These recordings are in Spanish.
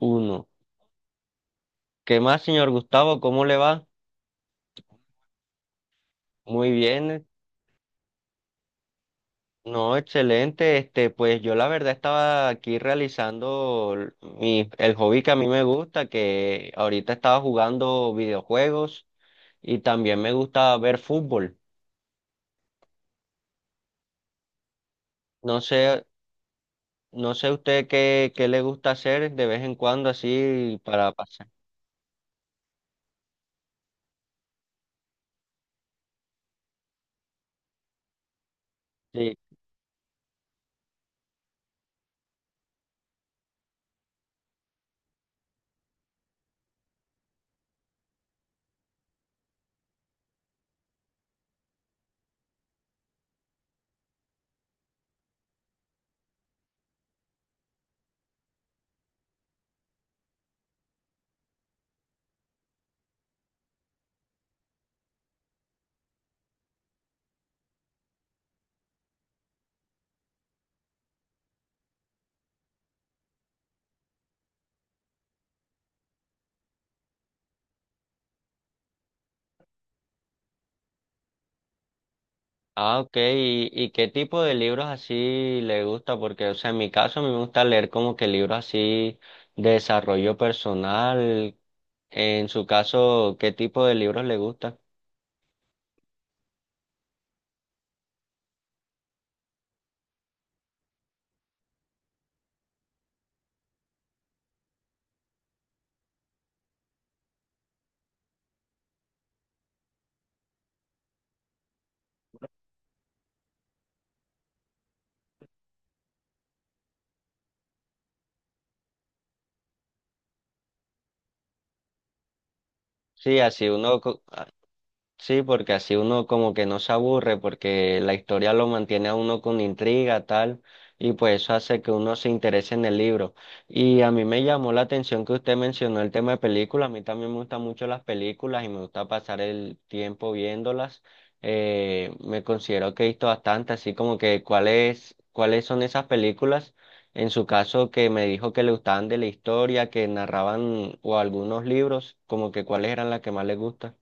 Uno. ¿Qué más, señor Gustavo? ¿Cómo le va? Muy bien. No, excelente. Pues yo la verdad estaba aquí realizando el hobby que a mí me gusta, que ahorita estaba jugando videojuegos y también me gusta ver fútbol. No sé, no sé usted qué le gusta hacer de vez en cuando así para pasar. Sí. Ah, ok. ¿Y qué tipo de libros así le gusta? Porque, o sea, en mi caso a mí me gusta leer como que libros así de desarrollo personal. En su caso, ¿qué tipo de libros le gusta? Sí, así uno co- Sí, porque así uno como que no se aburre, porque la historia lo mantiene a uno con intriga, tal, y pues eso hace que uno se interese en el libro. Y a mí me llamó la atención que usted mencionó el tema de películas, a mí también me gustan mucho las películas y me gusta pasar el tiempo viéndolas. Me considero que he visto bastante, así como que cuáles, cuáles son esas películas, en su caso que me dijo que le gustaban de la historia, que narraban o algunos libros, como que cuáles eran las que más le gustan.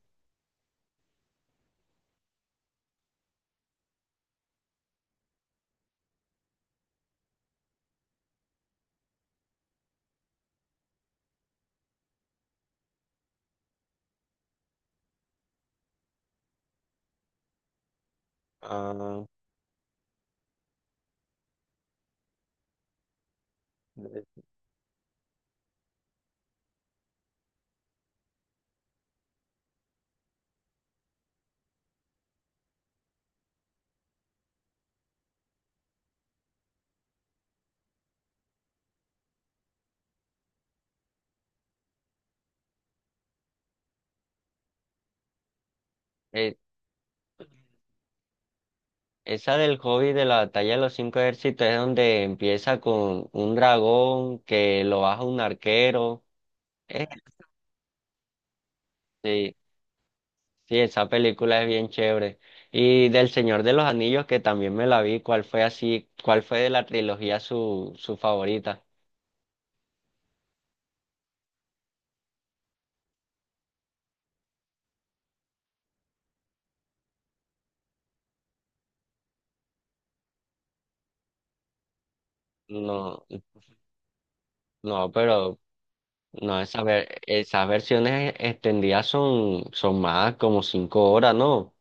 Eh, Esa del hobby de la batalla de los cinco ejércitos es donde empieza con un dragón que lo baja un arquero. Eh, sí, sí, esa película es bien chévere. Y del Señor de los Anillos, que también me la vi, ¿cuál fue así, cuál fue de la trilogía su favorita? No, no, pero no, esas versiones extendidas son, son más como cinco horas, ¿no?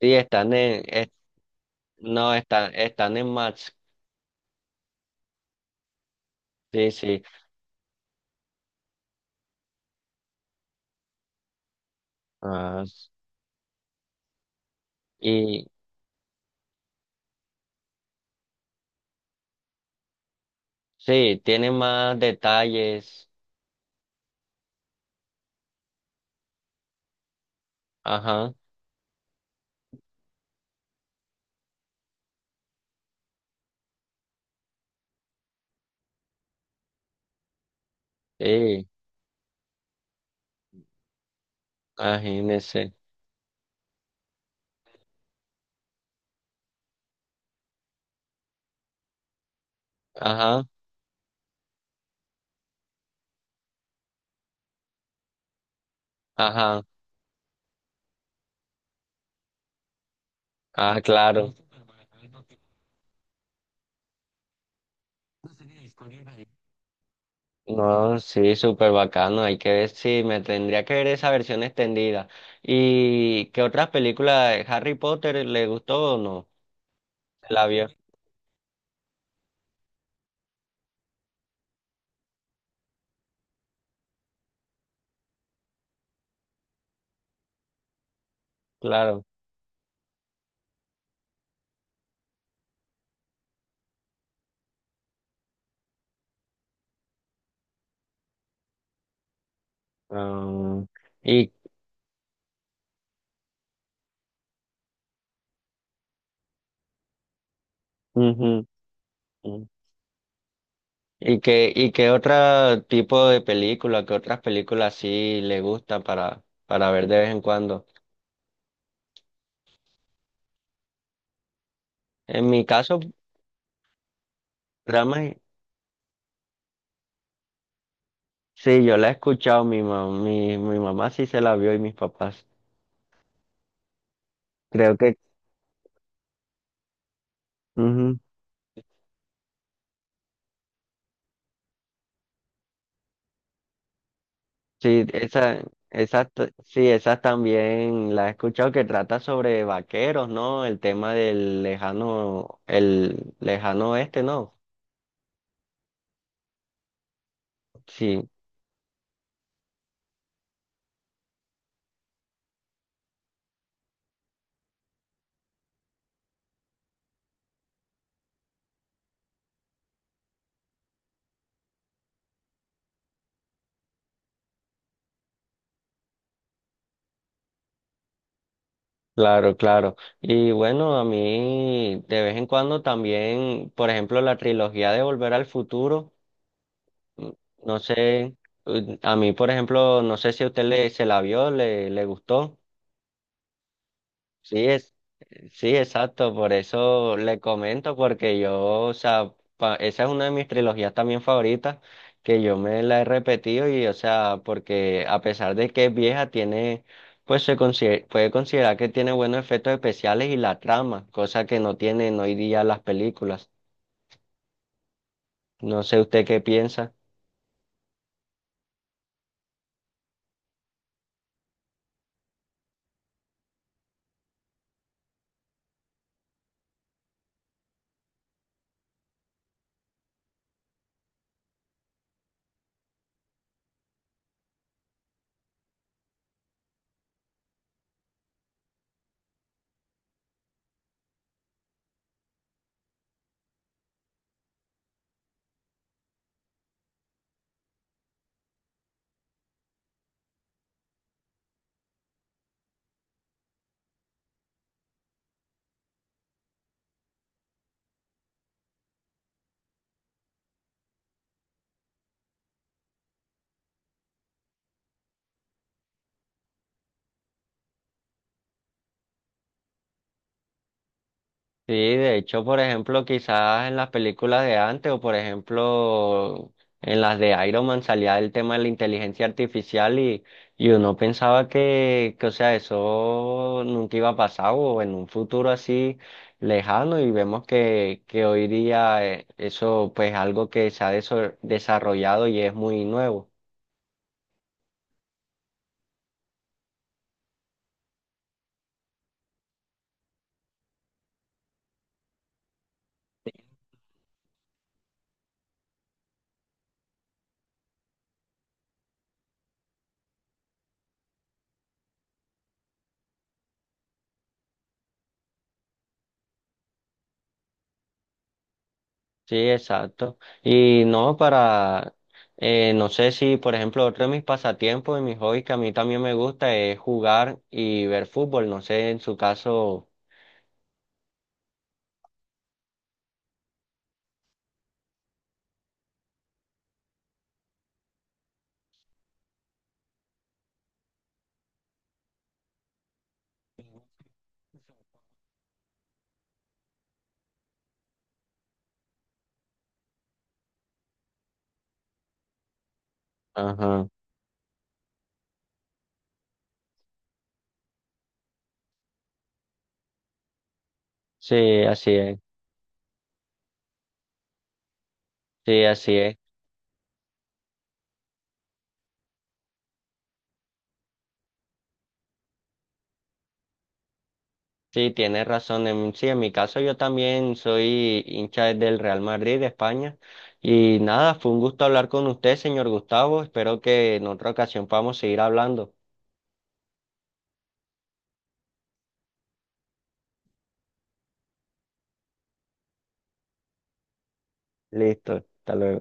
Sí, están en, es- no, están, están en Max. Sí, sí. Ah, y sí, tiene más detalles. Ajá, sí, imagínese. Ajá, ajá, ah, claro. No, sí, súper bacano. Hay que ver si me tendría que ver esa versión extendida. ¿Y qué otras películas de Harry Potter le gustó o no? ¿La vio? Claro. Ah, y, ujú, ujú. ¿Y qué otro tipo de película, qué otras películas sí le gustan para ver de vez en cuando? En mi caso, dramas, sí, yo la he escuchado, mi mamá, mi mamá sí se la vio y mis papás. Creo que, ujú, sí, esa, sí, esas también la he escuchado que trata sobre vaqueros, ¿no? El tema del lejano, el lejano oeste, ¿no? Sí. Claro, claro. Y bueno, a mí de vez en cuando también, por ejemplo, la trilogía de Volver al Futuro, mm, no sé, mm, a mí, por ejemplo, no sé si a usted se la vio, le gustó. Sí, es, sí, exacto, por eso le comento, porque yo, o sea, esa es una de mis trilogías también favoritas, que yo me la he repetido y, o sea, porque a pesar de que es vieja, tiene, puede considerar que tiene buenos efectos especiales y la trama, cosa que no tienen hoy día las películas. No sé usted qué piensa. Sí, de hecho, por ejemplo, quizás en las películas de antes o por ejemplo en las de Iron Man salía el tema de la inteligencia artificial y uno pensaba que, o sea, eso nunca iba a pasar o en un futuro así lejano y vemos que hoy día eso pues algo que se ha desarrollado y es muy nuevo. Sí, exacto. Y no para, no sé si, por ejemplo, otro de mis pasatiempos y mis hobbies que a mí también me gusta es jugar y ver fútbol. No sé, en su caso. Ajá. Sí, así es. Sí, así es. Sí, tienes razón. En, sí, en mi caso yo también soy hincha del Real Madrid de España. Y nada, fue un gusto hablar con usted, señor Gustavo. Espero que en otra ocasión podamos seguir hablando. Listo, hasta luego.